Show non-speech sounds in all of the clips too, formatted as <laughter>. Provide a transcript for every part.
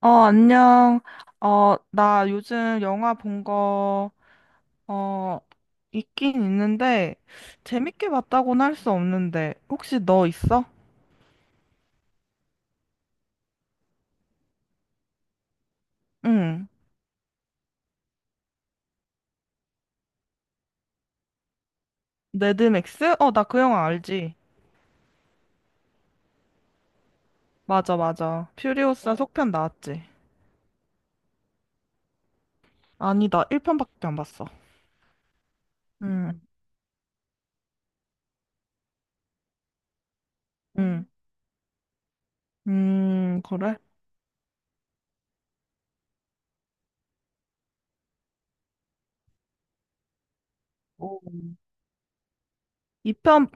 안녕. 나 요즘 영화 본 거 어, 있긴 있는데, 재밌게 봤다고는 할 수 없는데, 혹시 너 있어? 응. 매드맥스? 나 그 영화 알지. 맞아, 맞아. 퓨리오사 속편 나왔지. 아니, 나 1편밖에 안 봤어. 응, 응. 그래? 오, 2편,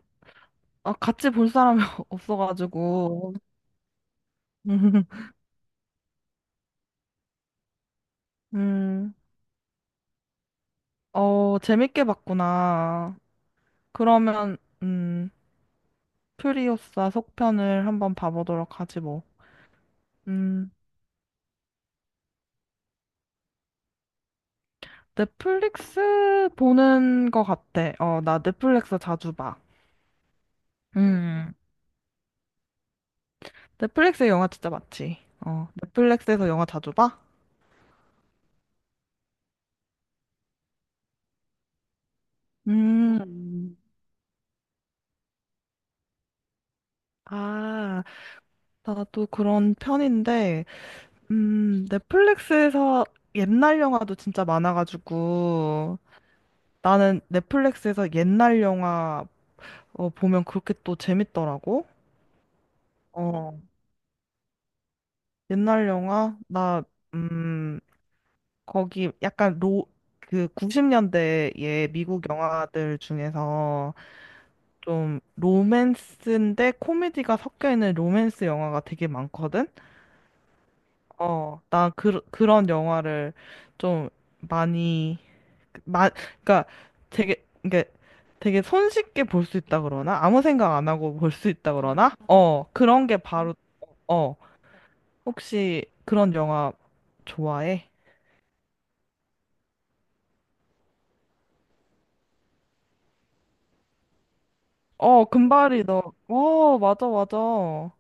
같이 볼 사람이 <laughs> 없어가지고. <laughs> 음, 재밌게 봤구나. 그러면, 음 프리우사 속편을 한번 봐보도록 하지 뭐. 음, 넷플릭스 보는 거 같아. 나 넷플릭스 자주 봐. 음, 넷플릭스 영화 진짜 많지. 넷플릭스에서 영화 자주 봐? 음, 아, 나도 그런 편인데, 넷플릭스에서 옛날 영화도 진짜 많아가지고, 나는 넷플릭스에서 옛날 영화 보면 그렇게 또 재밌더라고. 어, 옛날 영화? 나, 음, 거기 약간 그 90년대의 미국 영화들 중에서 좀 로맨스인데 코미디가 섞여 있는 로맨스 영화가 되게 많거든? 나 그런 영화를 좀 많이, 마, 그러니까 이게 되게 손쉽게 볼 수 있다 그러나? 아무 생각 안 하고 볼 수 있다 그러나? 그런 게 바로, 어, 혹시 그런 영화 좋아해? 금발이 너. 맞아, 맞아.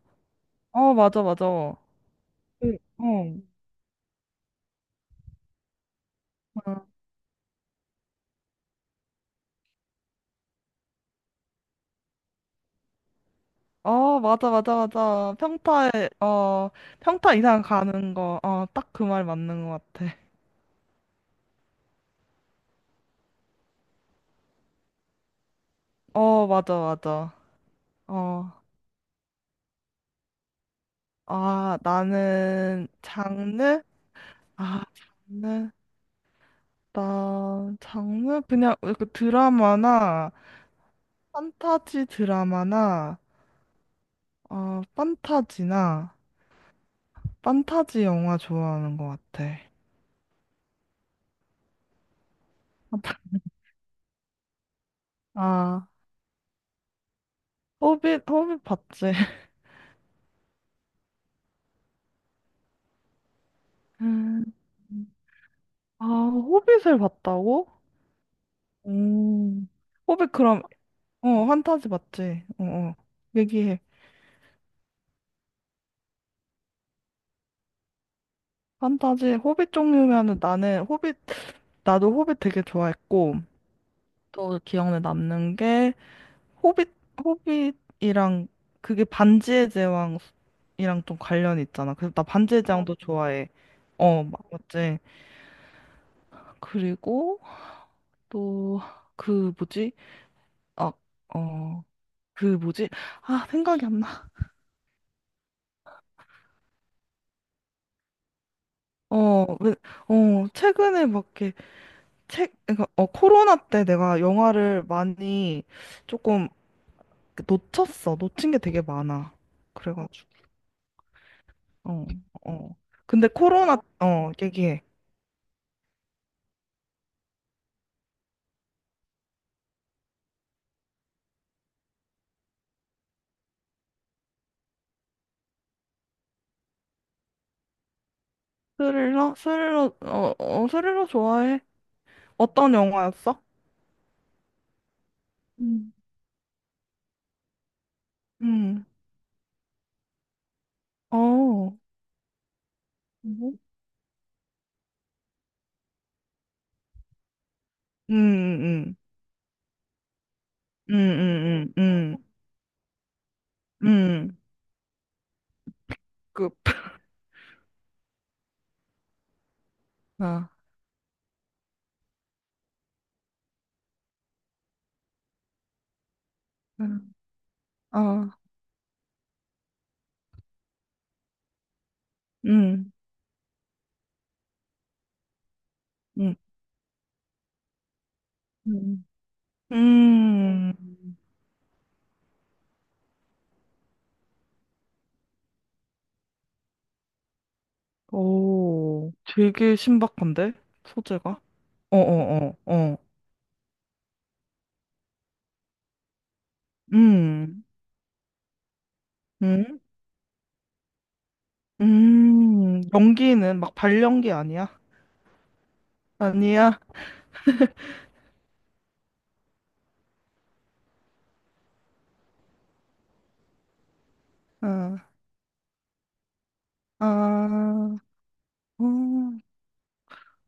맞아, 맞아. 어. 응, 어. 맞아, 맞아, 맞아. 평타에, 평타 이상 가는 거, 딱 그 말 맞는 것 같아. 맞아, 맞아. 어, 아, 나는 장르? 아, 장르? 나, 장르? 그냥 그 드라마나, 판타지 드라마나, 판타지나, 판타지 영화 좋아하는 것 같아. 아, 아. 호빗, 호빗 봤지. 음. 아, 호빗을 봤다고? 음. 호빗 그럼, 판타지 맞지? 어, 어. 얘기해. 판타지, 호빗 종류면은 나도 호빗 되게 좋아했고, 또 기억에 남는 게, 호빗, 호빗이랑, 그게 반지의 제왕이랑 좀 관련이 있잖아. 그래서 나 반지의 제왕도 좋아해. 맞지? 그리고 또, 그, 뭐지? 아, 어, 그 뭐지? 아, 생각이 안 나. 왜, 최근에 막 이렇게 그러니까 코로나 때 내가 영화를 많이 조금 놓쳤어. 놓친 게 되게 많아. 그래가지고. 어, 어. 근데 코로나, 얘기해. 스릴러? 스릴러, 스릴러 좋아해? 어떤 영화였어? 음, 음, 뭐? 음, 음, 음, 음, 음, 음, 음, 그, <laughs> 아, 음, 아, 음, 음. 음. 음, 오, 되게 신박한데? 소재가? 어어어, 어, 어, 어. 음, 음, 연기는 막 발연기 아니야? 아니야? 어, 아, 어,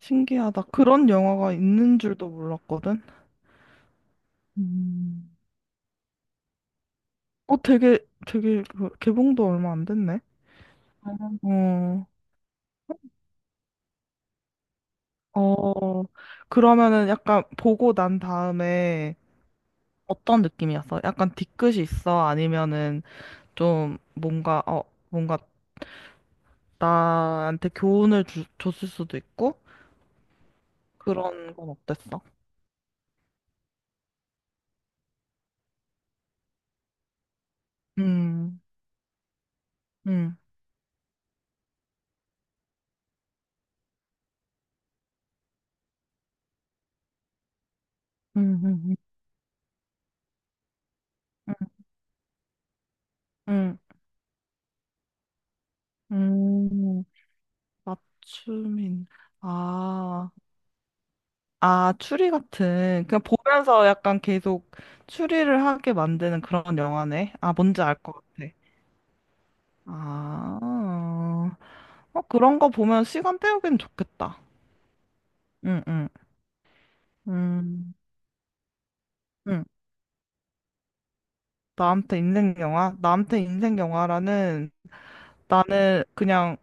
신기하다. 그런 영화가 있는 줄도 몰랐거든? 음, 어, 되게, 되게, 그 개봉도 얼마 안 됐네? 어, 어, 그러면은 약간 보고 난 다음에 어떤 느낌이었어? 약간 뒤끝이 있어? 아니면은 좀 뭔가 나한테 교훈을 줬을 수도 있고? 그런 건 어땠어? 음, 음, 음, 음, 음, 음, 음. 맞춤인, 아, 아, 추리 같은, 그냥 보면서 약간 계속 추리를 하게 만드는 그런 영화네. 아, 뭔지 알 것 같아. 아, 그런 거 보면 시간 때우기는 좋겠다. 응, 응. 음, 응. 나한테 인생 영화? 나한테 인생 영화라는 나는 그냥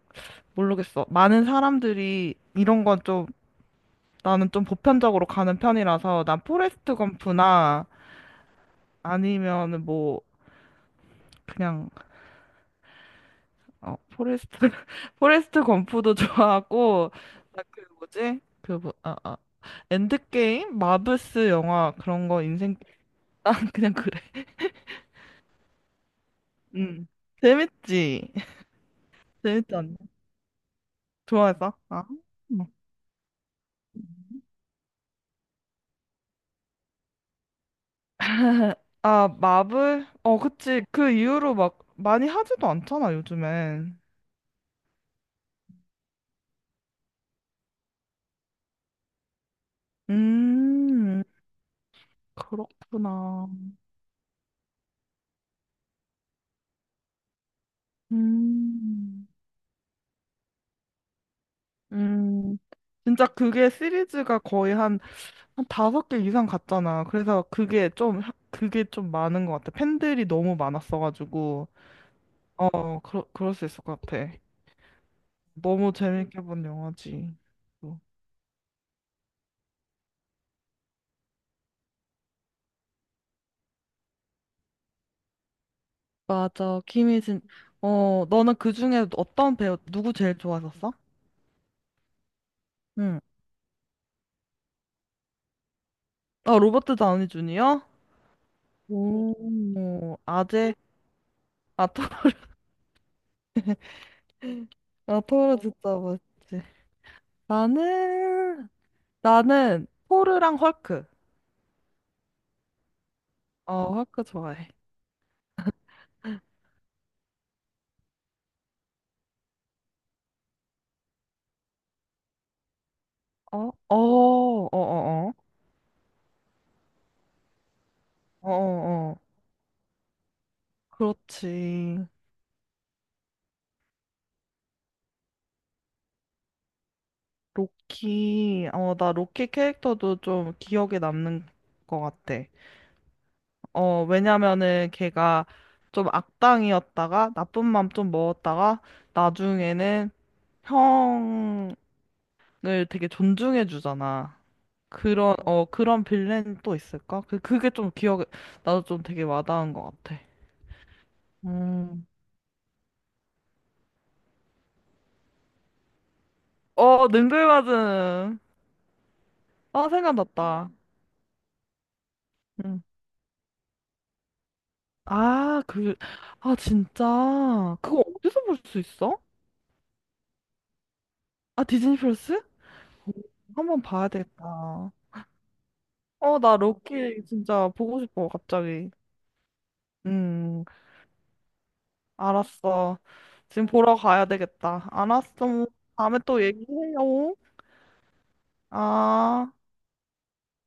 모르겠어. 많은 사람들이 이런 건 좀 나는 좀 보편적으로 가는 편이라서 난 포레스트 검프나 아니면은 뭐 그냥 포레스트 <laughs> 포레스트 검프도 좋아하고 나 그 뭐지? 그 뭐, 아, 아. 엔드게임? 마블스 영화 그런 거 인생 <laughs> 난 그냥 그래. 응. 재밌지? <laughs> 재밌지 않냐? 좋아해서? 아. 아, 마블? 그치. 그 이후로 막 많이 하지도 않잖아, 요즘엔. 음, 그렇구나. 음, 음. 진짜 그게 시리즈가 거의 한, 한 다섯 개 이상 갔잖아. 그래서 그게 좀 많은 것 같아. 팬들이 너무 많았어가지고. 그럴 수 있을 것 같아. 너무 재밌게 본 영화지. 또. 맞아. 김희진. 너는 그중에 어떤 배우, 누구 제일 좋아했었어? 아, 로버트 다우니 주니어? 오. 아재, 아, 토, 토르 <laughs> 진짜 멋있지. 나는, 나는, 토르랑 헐크. 헐크 좋아해. 어, 어, 어, 어, 어, 어, 어, 어. 그렇지. 로키, 나 로키 캐릭터도 좀 기억에 남는 것 같아. 왜냐면은 걔가 좀 악당이었다가, 나쁜 맘 좀 먹었다가, 나중에는 형, 을 되게 존중해 주잖아. 그런 빌런 또 있을까? 그게 좀 기억에 나도 좀 되게 와닿은 것 같아. 음. 능글 맞은. 아 생각났다. 음. 아 그 진짜 그거 어디서 볼 수 있어? 아 디즈니 플러스? 오, 한번 봐야 되겠다. 나 로키 진짜 보고 싶어 갑자기. 음 알았어. 지금 보러 가야 되겠다. 알았어. 다음에 또 얘기해요. 아.